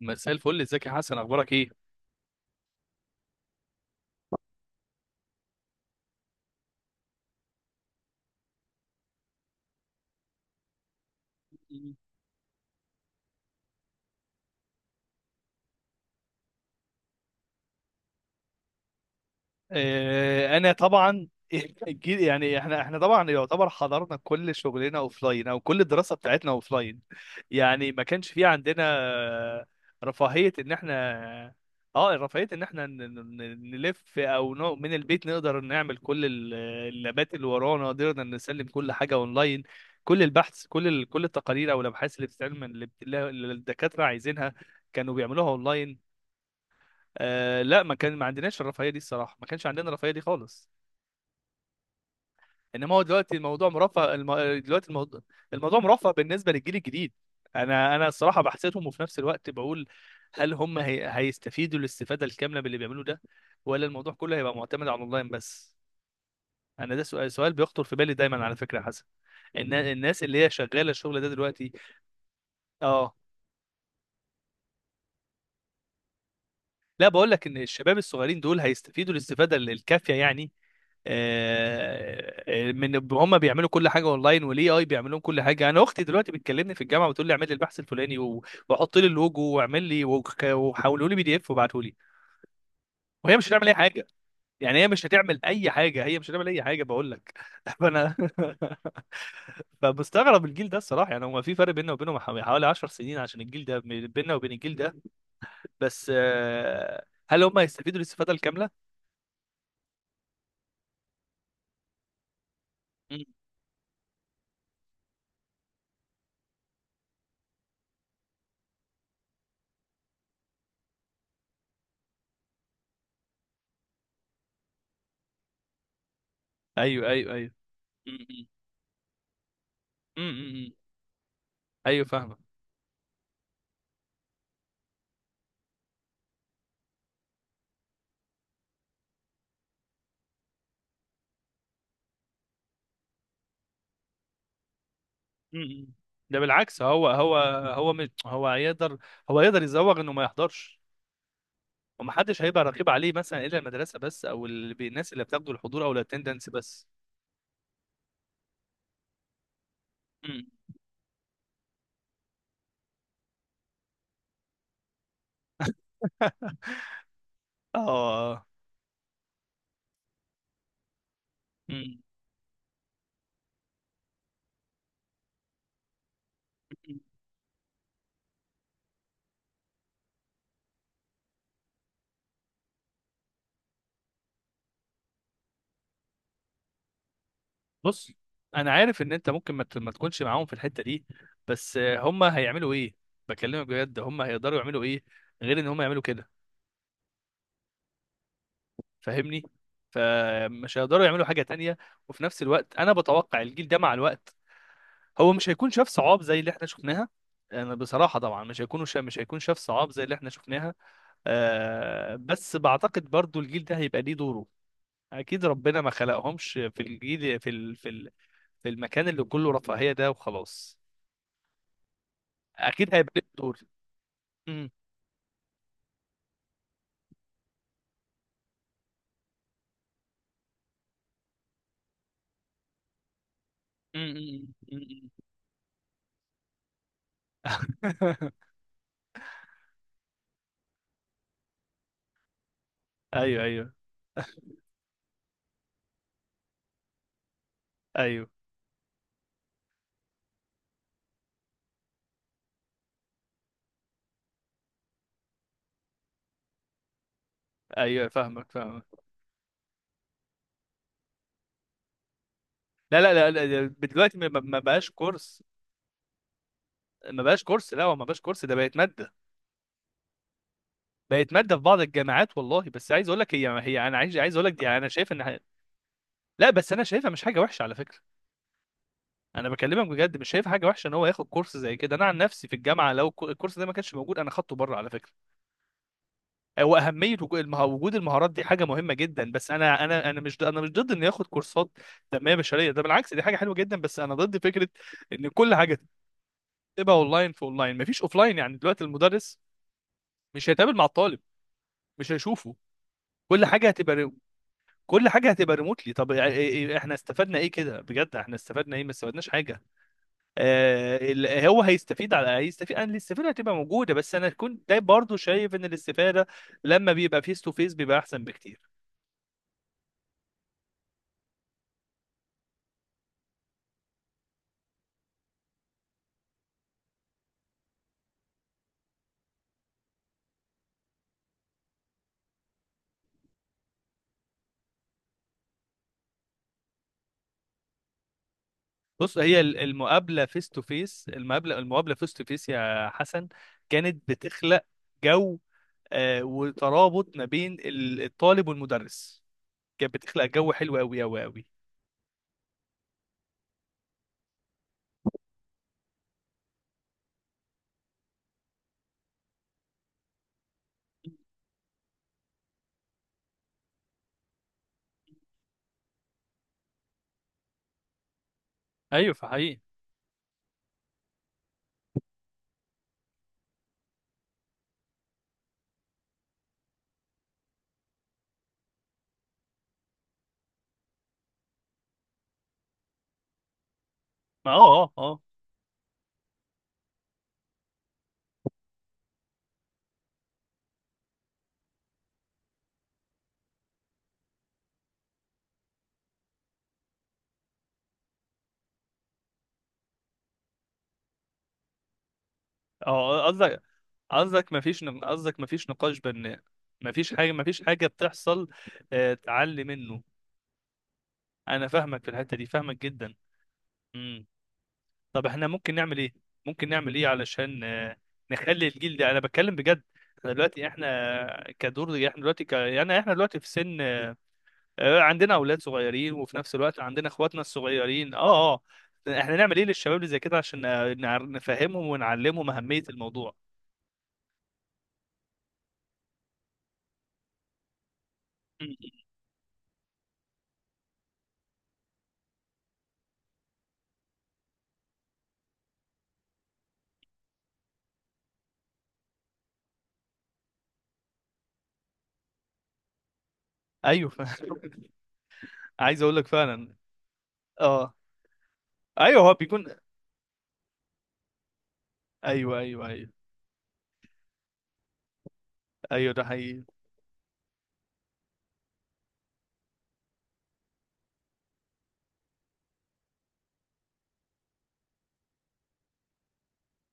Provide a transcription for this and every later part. مساء الفل. ازيك يا حسن؟ اخبارك ايه؟ انا طبعا. يعني احنا طبعا يعتبر حضرنا كل شغلنا اوف لاين، او كل الدراسه بتاعتنا اوف لاين. يعني ما كانش في عندنا آه، رفاهيه ان احنا. اه رفاهيه ان احنا نلف، او من البيت نقدر نعمل كل اللابات اللي ورانا. قدرنا نسلم كل حاجه اونلاين، كل البحث، كل كل التقارير او الابحاث اللي بتتعمل، اللي اللي الدكاتره عايزينها كانوا بيعملوها اونلاين. لا، ما كان ما عندناش الرفاهيه دي الصراحه، ما كانش عندنا الرفاهيه دي خالص. انما هو دلوقتي الموضوع مرفه دلوقتي الموضوع، الموضوع مرفه بالنسبه للجيل الجديد. انا الصراحه بحسدهم، وفي نفس الوقت بقول هل هم هيستفيدوا الاستفاده الكامله باللي بيعملوه ده، ولا الموضوع كله هيبقى معتمد على الاونلاين بس؟ انا ده سؤال بيخطر في بالي دايما على فكره يا حسن. الناس اللي هي شغاله الشغل ده دلوقتي. اه، لا بقول لك ان الشباب الصغيرين دول هيستفيدوا الاستفاده الكافيه يعني. من هم بيعملوا كل حاجه اونلاين، والاي اي بيعملوا كل حاجه. انا اختي دلوقتي بتكلمني في الجامعه بتقول لي اعمل لي البحث الفلاني وحط لي اللوجو واعمل لي وحولوا لي بي دي اف وابعته لي، وهي مش هتعمل اي حاجه. يعني هي مش هتعمل اي حاجه، هي مش هتعمل اي حاجه بقول لك. فانا. فمستغرب الجيل ده الصراحه، يعني هو في فرق بيننا وبينهم حوالي 10 سنين عشان الجيل ده، بيننا وبين الجيل ده. بس هل هم هيستفيدوا الاستفاده الكامله؟ مم. ايوه، ايوه، ايوه. مم، مم. مم، مم، مم. ايوه، فاهمك. م-م. ده بالعكس، هو هو هو يقدر، هو يقدر يزوغ انه ما يحضرش. ومحدش هيبقى رقيب عليه مثلا الا المدرسه بس، او الناس اللي بتاخدوا الحضور او الاتندنس بس. م. اه م- م- بص، انا عارف ان انت ممكن ما تكونش معاهم في الحته دي. بس هم هيعملوا ايه؟ بكلمك بجد، هم هيقدروا يعملوا ايه غير ان هم يعملوا كده؟ فاهمني؟ فمش هيقدروا يعملوا حاجه تانية. وفي نفس الوقت، انا بتوقع الجيل ده مع الوقت هو مش هيكون شاف صعاب زي اللي احنا شفناها. انا بصراحه طبعا مش هيكونوا مش هيكون شاف صعاب زي اللي احنا شفناها. بس بعتقد برضو الجيل ده هيبقى ليه دوره. اكيد ربنا ما خلقهمش في الجيل في المكان اللي كله رفاهيه ده وخلاص. اكيد هيبقى ليه دور. مم. مم. مم. مم. ايوه، ايوه، ايوه. ايوه، فاهمك فاهمك. لا، لا، لا، لا، دلوقتي ما بقاش كورس. ما بقاش كورس، لا هو ما بقاش كورس، ده بقت ماده. بقت ماده في بعض الجامعات والله. بس عايز اقول لك هي انا عايز اقول لك دي، يعني انا شايف ان لا بس انا شايفها مش حاجه وحشه على فكره. انا بكلمك بجد مش شايف حاجه وحشه ان هو ياخد كورس زي كده. انا عن نفسي في الجامعه لو الكورس ده ما كانش موجود انا خدته بره على فكره. هو اهميه وجود المهارات دي حاجه مهمه جدا. بس انا مش ضد- انا مش ضد انه ياخد كورسات تنميه بشريه، ده بالعكس دي حاجه حلوه جدا. بس انا ضد فكره ان كل حاجه تبقى اونلاين، في اونلاين مفيش اوفلاين. يعني دلوقتي المدرس مش هيتقابل مع الطالب، مش هيشوفه. كل حاجه هتبقى، كل حاجه هتبقى ريموتلي. طب إيه- إيه- إيه، احنا استفدنا ايه كده بجد؟ احنا استفدنا ايه؟ ما استفدناش حاجه. هو هيستفيد، هيستفيد، انا الاستفاده هتبقى موجوده. بس انا كنت ده برضو شايف ان الاستفاده لما بيبقى فيس تو فيس بيبقى احسن بكتير. بص، هي المقابله فيس تو فيس، المقابله فيس تو فيس يا حسن، كانت بتخلق جو وترابط ما بين الطالب والمدرس. كانت بتخلق جو حلو قوي قوي قوي. ايوه، فحقيقي. ما. اه اه اه قصدك، قصدك مفيش نقاش بناء؟ مفيش حاجة، مفيش حاجة بتحصل تعلي منه. أنا فاهمك في الحتة دي، فاهمك جدا. مم. طب احنا ممكن نعمل إيه؟ ممكن نعمل إيه علشان نخلي الجيل ده؟ أنا بتكلم بجد. احنا دلوقتي يعني احنا دلوقتي في سن عندنا أولاد صغيرين، وفي نفس الوقت عندنا إخواتنا الصغيرين. اه احنا نعمل إيه للشباب اللي زي كده عشان نفهمهم ونعلمهم أهمية الموضوع؟ مم. أيوه. عايز أقول لك فعلا. اه. ايوه، هو بيكون. ايوه ايوه ايوه. ايوه، ده حقيقي.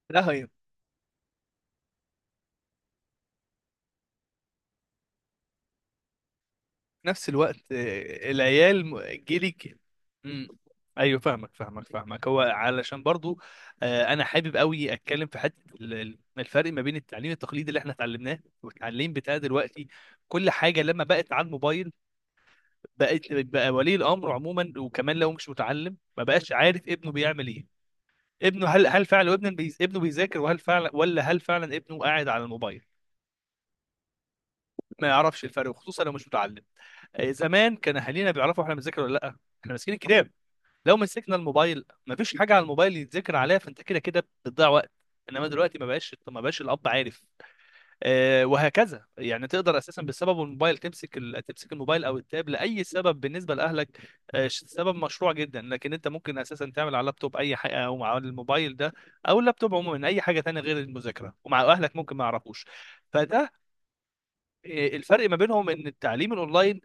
لا هي، في نفس الوقت العيال جيلك. امم. ايوه فاهمك فاهمك فاهمك. هو علشان برضو انا حابب قوي اتكلم في حته الفرق ما بين التعليم التقليدي اللي احنا اتعلمناه والتعليم بتاع دلوقتي. كل حاجه لما بقت على الموبايل بقت، بقى ولي الامر عموما، وكمان لو مش متعلم ما بقاش عارف ابنه بيعمل ايه. ابنه، هل فعلا ابنه ابنه بيذاكر؟ وهل فعلا، ولا هل فعلا ابنه قاعد على الموبايل؟ ما يعرفش الفرق، وخصوصا لو مش متعلم. زمان كان اهالينا بيعرفوا احنا بنذاكر ولا لا. احنا ماسكين الكتاب، لو مسكنا الموبايل ما فيش حاجه على الموبايل يتذاكر عليها، فانت كده كده بتضيع وقت. انما دلوقتي ما بقاش الاب عارف. وهكذا يعني تقدر اساسا بسبب الموبايل تمسك الموبايل او التاب لاي سبب بالنسبه لاهلك. سبب مشروع جدا، لكن انت ممكن اساسا تعمل على اللابتوب اي حاجه، او مع الموبايل ده، او اللابتوب عموما اي حاجه تانية غير المذاكره، ومع اهلك ممكن ما يعرفوش. فده الفرق ما بينهم، ان التعليم الاونلاين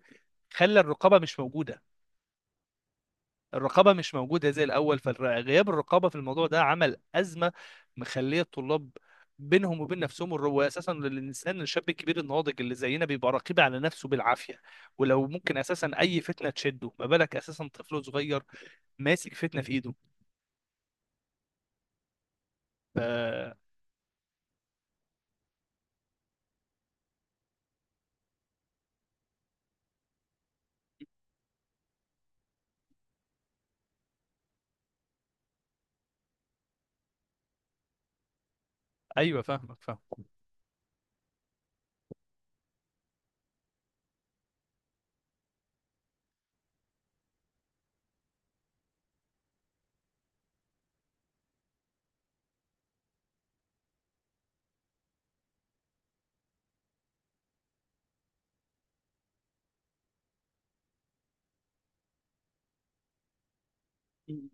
خلى الرقابه مش موجوده. الرقابه مش موجوده زي الاول، فغياب الرقابه في الموضوع ده عمل ازمه، مخليه الطلاب بينهم وبين نفسهم. اساسا الانسان الشاب الكبير الناضج اللي زينا بيبقى رقيب على نفسه بالعافيه، ولو ممكن اساسا اي فتنه تشده، ما بالك اساسا طفل صغير ماسك فتنه في ايده. ف- ايوه فاهمك، فاهم.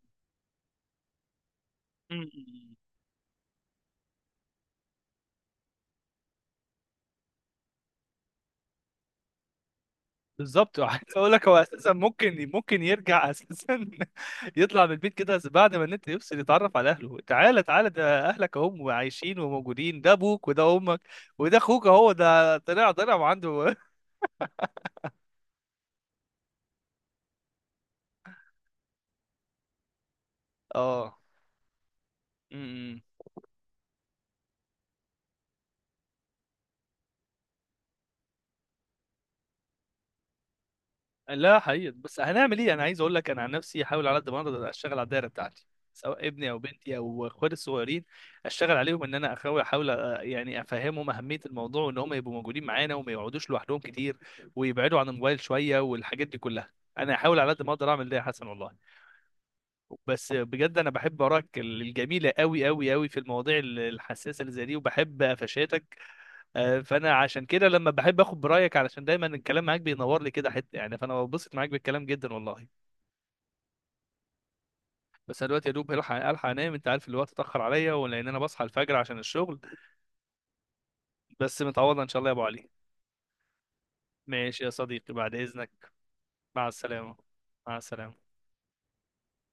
بالظبط، وعايز اقول لك هو اساسا ممكن يرجع اساسا يطلع من البيت كده، بعد ما النت يفصل يتعرف على اهله. تعالى تعالى، ده اهلك اهم عايشين وموجودين، ده ابوك وده امك وده اخوك اهو، ده طلع طلع وعنده. اه. لا، حقيقي. بس هنعمل ايه؟ انا عايز اقول لك، انا عن نفسي احاول على قد ما اقدر اشتغل على الدايره بتاعتي، سواء ابني او بنتي او اخواتي الصغيرين. اشتغل عليهم، ان انا احاول يعني افهمهم اهميه الموضوع، وان هم يبقوا موجودين معانا وما يقعدوش لوحدهم كتير، ويبعدوا عن الموبايل شويه، والحاجات دي كلها. انا احاول على قد ما اقدر اعمل ده يا حسن والله. بس بجد انا بحب اراك الجميله قوي قوي قوي في المواضيع الحساسه اللي زي دي، وبحب قفشاتك. فانا عشان كده لما بحب اخد برايك، علشان دايما الكلام معاك بينور لي كده حته، يعني فانا ببسط معاك بالكلام جدا والله. بس انا دلوقتي يا دوب هلحق الحق انام، انت عارف الوقت اتاخر عليا، ولان انا بصحى الفجر عشان الشغل. بس متعوضه ان شاء الله يا ابو علي. ماشي يا صديقي، بعد اذنك. مع السلامه. مع السلامه.